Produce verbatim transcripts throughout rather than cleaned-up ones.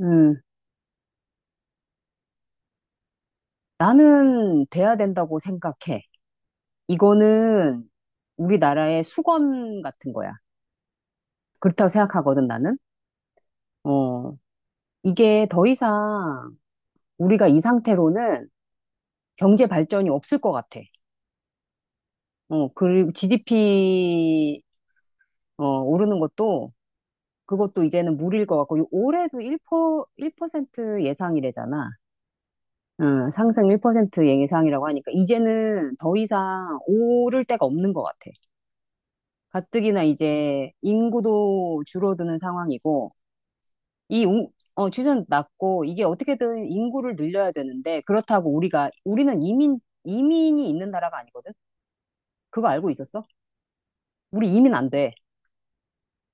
음, 나는 돼야 된다고 생각해. 이거는 우리나라의 수건 같은 거야. 그렇다고 생각하거든, 나는. 어, 이게 더 이상 우리가 이 상태로는 경제 발전이 없을 것 같아. 어, 그리고 지디피, 어, 오르는 것도 그것도 이제는 무리일 것 같고, 요- 올해도 일 퍼센트, 트 예상이래잖아. 응, 상승 일 퍼센트 예상이라고 하니까 이제는 더 이상 오를 데가 없는 것 같아. 가뜩이나 이제 인구도 줄어드는 상황이고, 이 용- 어, 출산 낮고, 이게 어떻게든 인구를 늘려야 되는데, 그렇다고 우리가, 우리는 이민, 이민이 있는 나라가 아니거든? 그거 알고 있었어? 우리 이민 안 돼.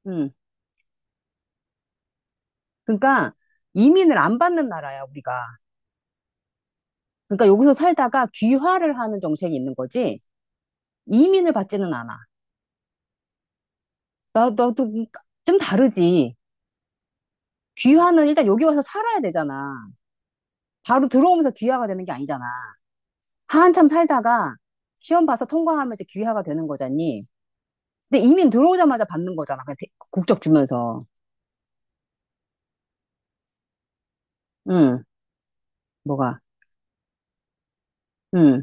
음. 그러니까, 이민을 안 받는 나라야, 우리가. 그러니까 여기서 살다가 귀화를 하는 정책이 있는 거지, 이민을 받지는 않아. 나, 나도 좀 다르지. 귀화는 일단 여기 와서 살아야 되잖아. 바로 들어오면서 귀화가 되는 게 아니잖아. 한참 살다가 시험 봐서 통과하면 이제 귀화가 되는 거잖니. 근데 이민 들어오자마자 받는 거잖아. 그냥 대- 국적 주면서. 응, 뭐가. 응,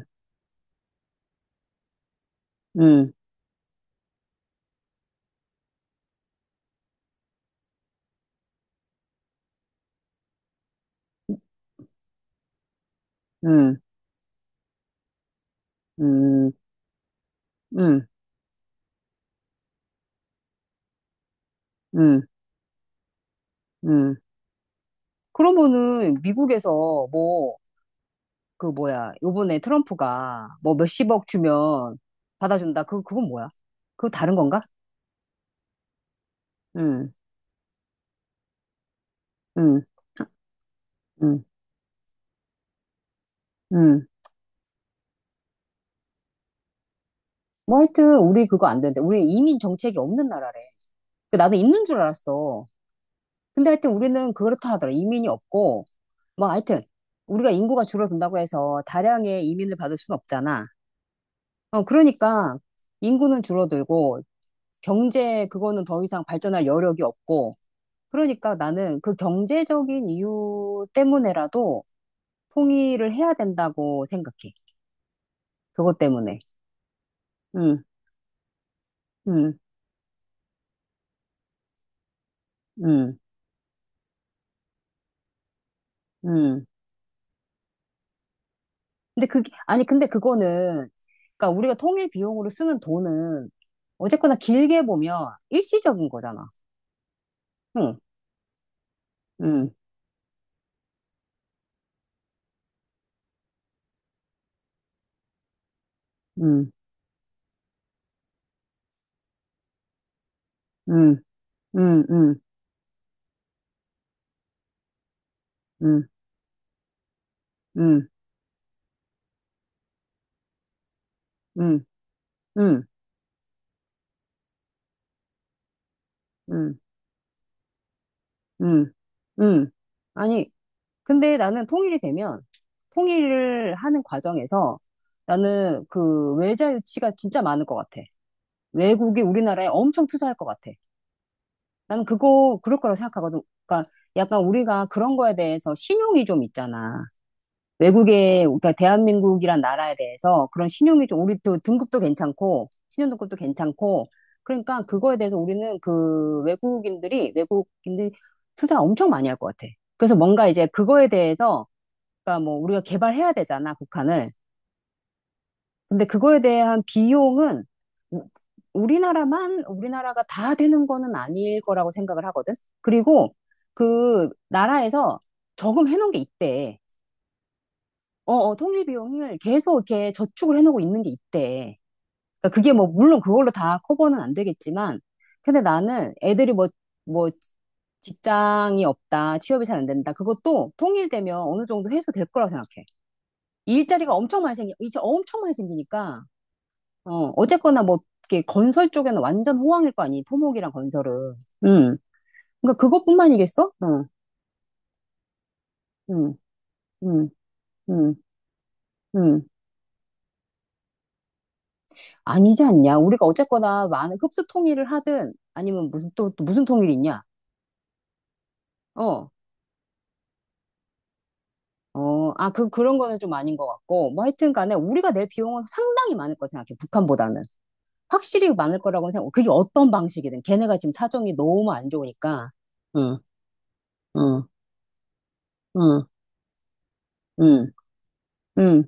응, 응, 응, 응, 응, 응. 그러면은 미국에서 뭐, 그 뭐야, 요번에 트럼프가 뭐 몇십억 주면 받아준다. 그, 그건 뭐야? 그거 다른 건가? 응, 응, 응, 응. 뭐 하여튼 우리 그거 안 되는데. 우리 이민 정책이 없는 나라래. 그 나는 있는 줄 알았어. 근데 하여튼 우리는 그렇다 하더라. 이민이 없고, 뭐 하여튼, 우리가 인구가 줄어든다고 해서 다량의 이민을 받을 순 없잖아. 어, 그러니까 인구는 줄어들고, 경제 그거는 더 이상 발전할 여력이 없고, 그러니까 나는 그 경제적인 이유 때문에라도 통일을 해야 된다고 생각해. 그것 때문에. 음, 음, 음, 음. 근데 그게, 아니, 근데 그거는, 그러니까 우리가 통일 비용으로 쓰는 돈은 어쨌거나 길게 보면 일시적인 거잖아. 응, 응, 응, 응, 응, 응, 응, 응, 응, 응, 응, 응, 응. 아니, 근데 나는 통일이 되면, 통일을 하는 과정에서 나는 그 외자 유치가 진짜 많을 것 같아. 외국이 우리나라에 엄청 투자할 것 같아. 나는 그거, 그럴 거라고 생각하거든. 그러니까 약간 우리가 그런 거에 대해서 신용이 좀 있잖아. 외국에, 그러니까 대한민국이란 나라에 대해서 그런 신용이 좀, 우리도 등급도 괜찮고, 신용등급도 괜찮고, 그러니까 그거에 대해서 우리는 그 외국인들이, 외국인들이 투자 엄청 많이 할 것 같아. 그래서 뭔가 이제 그거에 대해서, 그러니까 뭐 우리가 개발해야 되잖아, 북한을. 근데 그거에 대한 비용은 우- 우리나라만, 우리나라가 다 되는 거는 아닐 거라고 생각을 하거든. 그리고 그 나라에서 저금해 놓은 게 있대. 어, 어, 통일 비용을 계속 이렇게 저축을 해놓고 있는 게 있대. 그러니까 그게 뭐, 물론 그걸로 다 커버는 안 되겠지만, 근데 나는 애들이 뭐, 뭐, 직장이 없다, 취업이 잘 안 된다. 그것도 통일되면 어느 정도 해소될 거라고 생각해. 일자리가 엄청 많이 생기, 이제 엄청 많이 생기니까, 어, 어쨌거나 뭐, 이렇게 건설 쪽에는 완전 호황일 거 아니, 토목이랑 건설은. 음. 그러니까 그것뿐만이겠어? 응, 응, 응, 응, 응. 아니지 않냐? 우리가 어쨌거나 많은 흡수 통일을 하든 아니면 무슨 또, 또 무슨 통일이 있냐? 어, 어, 아, 그, 그런 거는 좀 아닌 것 같고. 뭐 하여튼 간에 우리가 낼 비용은 상당히 많을 거라 생각해. 북한보다는. 확실히 많을 거라고 생각해. 그게 어떤 방식이든. 걔네가 지금 사정이 너무 안 좋으니까. 응, 응, 응, 응, 응.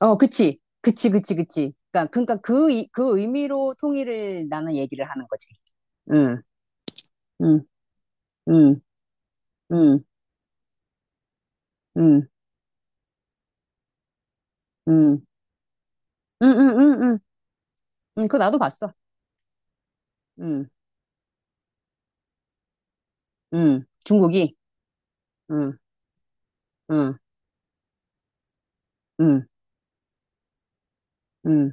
어, 그치. 그치, 그치, 그치. 그니까, 그니까 그, 이- 그 의미로 통일을 나는 얘기를 하는 거지. 응, 응, 응, 응, 응, 응, 응, 응, 응, 응. 응, 그거 나도 봤어. 응, 응, 중국이. 응, 응, 응, 응.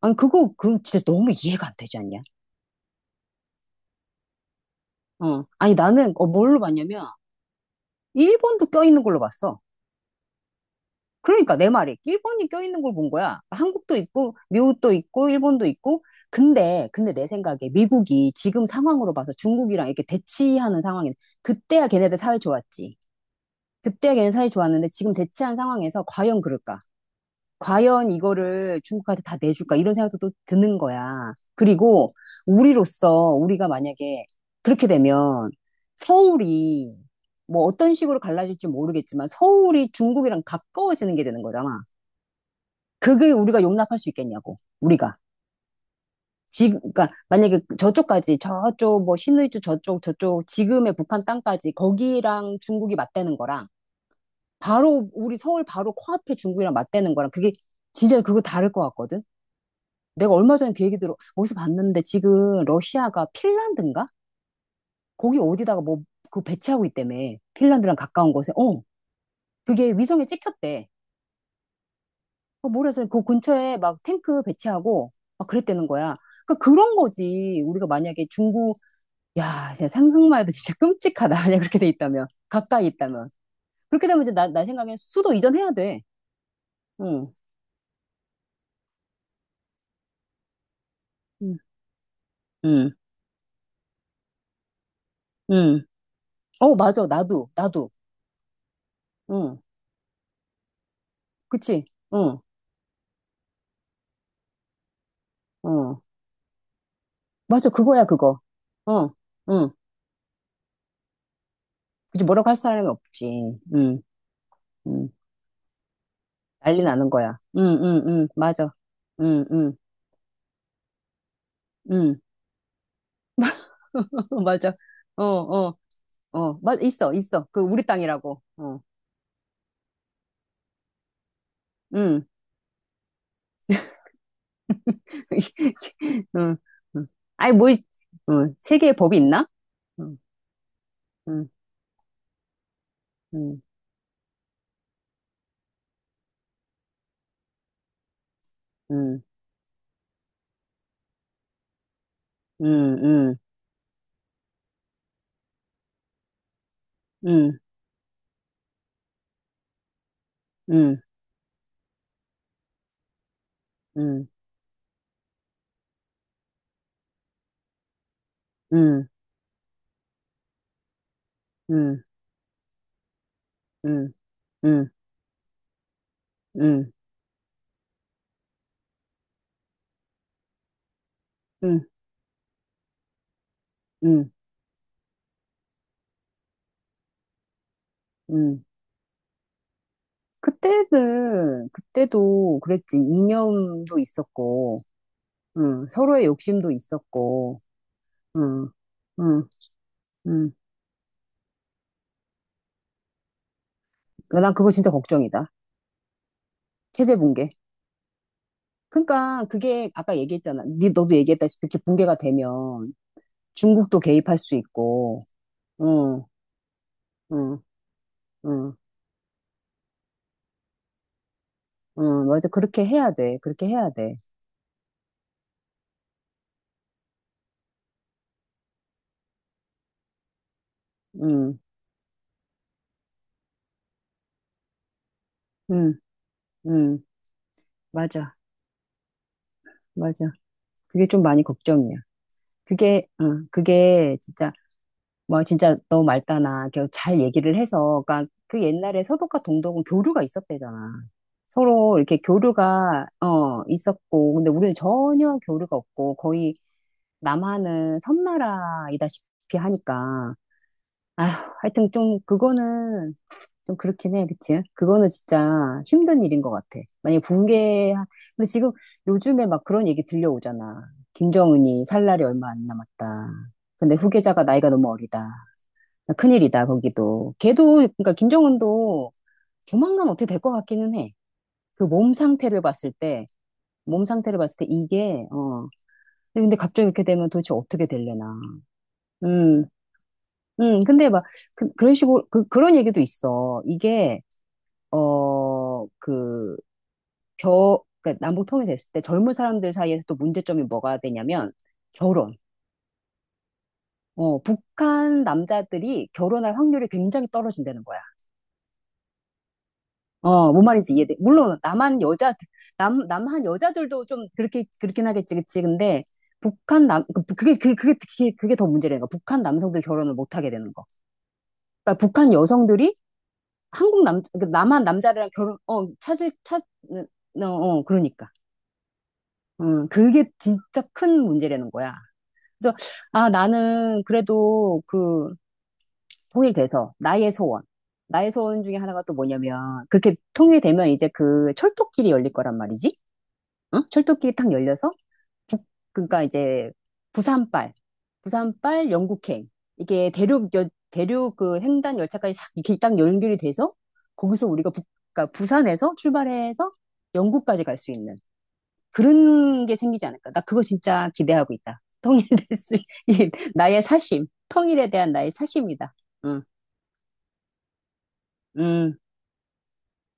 아니, 그거, 그 진짜 너무 이해가 안 되지 않냐? 어. 아니, 나는, 어, 뭘로 봤냐면, 일본도 껴있는 걸로 봤어. 그러니까, 내 말이. 일본이 껴있는 걸 본 거야. 한국도 있고, 미국도 있고, 일본도 있고. 근데, 근데 내 생각에 미국이 지금 상황으로 봐서 중국이랑 이렇게 대치하는 상황이, 그때야 걔네들 사회 좋았지. 그때야 걔네 사회 좋았는데, 지금 대치한 상황에서 과연 그럴까? 과연 이거를 중국한테 다 내줄까 이런 생각도 또 드는 거야. 그리고 우리로서 우리가 만약에 그렇게 되면 서울이 뭐 어떤 식으로 갈라질지 모르겠지만 서울이 중국이랑 가까워지는 게 되는 거잖아. 그게 우리가 용납할 수 있겠냐고. 우리가. 지금 그러니까 만약에 저쪽까지 저쪽 뭐 신의주 저쪽 저쪽 지금의 북한 땅까지 거기랑 중국이 맞대는 거랑 바로 우리 서울 바로 코앞에 중국이랑 맞대는 거랑 그게 진짜 그거 다를 것 같거든. 내가 얼마 전에 그 얘기 들어, 어디서 봤는데 지금 러시아가 핀란드인가? 거기 어디다가 뭐, 그 배치하고 있다며. 핀란드랑 가까운 곳에. 어, 그게 위성에 찍혔대. 그 모래에서 그 근처에 막 탱크 배치하고 막 그랬다는 거야. 그러니까 그런 거지. 우리가 만약에 중국, 야, 진짜 상상만 해도 진짜 끔찍하다. 만약 그렇게 돼 있다면. 가까이 있다면. 그렇게 되면 이제 나, 나 생각엔 수도 이전해야 돼. 응, 응, 응, 응. 어, 맞아. 나도, 나도. 응, 그치. 응, 응. 맞아, 그거야, 그거. 어, 응. 그치, 뭐라고 할 사람이 없지. 응, 응. 난리 나는 거야. 응, 응, 응. 맞아. 응, 응, 응. 맞아. 어, 어, 어. 맞, 있어, 있어. 그, 우리 땅이라고. 어, 응. 응, 응. 아니, 뭐, 응. 세계에 법이 있나? 응, 응, 응, 응, 응, 응, 응, 응, 응, 응, 응, 응, 응, 응, 응, 응, 응. 응. 그때는, 그때도 그랬지. 이념도 있었고, 응, 서로의 욕심도 있었고, 응, 응, 응. 난 그거 진짜 걱정이다. 체제 붕괴. 그러니까 그게 아까 얘기했잖아. 니 너도 얘기했다시피 이렇게 붕괴가 되면 중국도 개입할 수 있고, 응, 응, 응, 응, 맞아. 그렇게 해야 돼. 그렇게 해야 돼. 응, 응, 응, 맞아, 맞아. 그게 좀 많이 걱정이야. 그게, 응, 그게 진짜 뭐 진짜 너 말다나 그잘 얘기를 해서 그러니까 그 옛날에 서독과 동독은 교류가 있었대잖아. 서로 이렇게 교류가 어 있었고 근데 우리는 전혀 교류가 없고 거의 남한은 섬나라이다시피 하니까 아휴 하여튼 좀 그거는 좀 그렇긴 해 그치? 그거는 진짜 힘든 일인 것 같아. 만약에 붕괴 근데 지금 요즘에 막 그런 얘기 들려오잖아. 김정은이 살 날이 얼마 안 남았다. 근데 후계자가 나이가 너무 어리다. 큰일이다, 거기도. 걔도, 그러니까 김정은도 조만간 어떻게 될 것 같기는 해. 그 몸 상태를 봤을 때, 몸 상태를 봤을 때 이게, 어. 근데 갑자기 이렇게 되면 도대체 어떻게 될려나. 음, 음. 근데 막, 그, 런 식으로, 그, 그런 얘기도 있어. 이게, 어, 그, 겨, 그러니까 남북 통일이 됐을 때 젊은 사람들 사이에서 또 문제점이 뭐가 되냐면, 결혼. 어, 북한 남자들이 결혼할 확률이 굉장히 떨어진다는 거야. 어, 뭔 말인지 이해돼. 물론 남한 여자 남 남한 여자들도 좀 그렇게 그렇긴 하겠지, 그치? 근데 북한 남 그- 그게 그게 그게 그게, 그게 더 문제라는 거. 북한 남성들 결혼을 못 하게 되는 거. 그러니까 북한 여성들이 한국 남 그 남한 남자랑 결혼 어 찾을 찾 어, 어 그러니까. 음, 그게 진짜 큰 문제라는 거야. 그래서 아 나는 그래도 그 통일돼서 나의 소원. 나의 소원 중에 하나가 또 뭐냐면 그렇게 통일되면 이제 그 철도길이 열릴 거란 말이지. 어? 철도길이 탁 열려서 북 그러니까 이제 부산발 부산발 영국행 이게 대륙 여, 대륙 그 횡단 열차까지 싹 이렇게 딱 연결이 돼서 거기서 우리가 북 그러니까 부산에서 출발해서 영국까지 갈 수 있는 그런 게 생기지 않을까? 나 그거 진짜 기대하고 있다. 통일될 수, 이 나의 사심, 통일에 대한 나의 사심이다. 응, 응.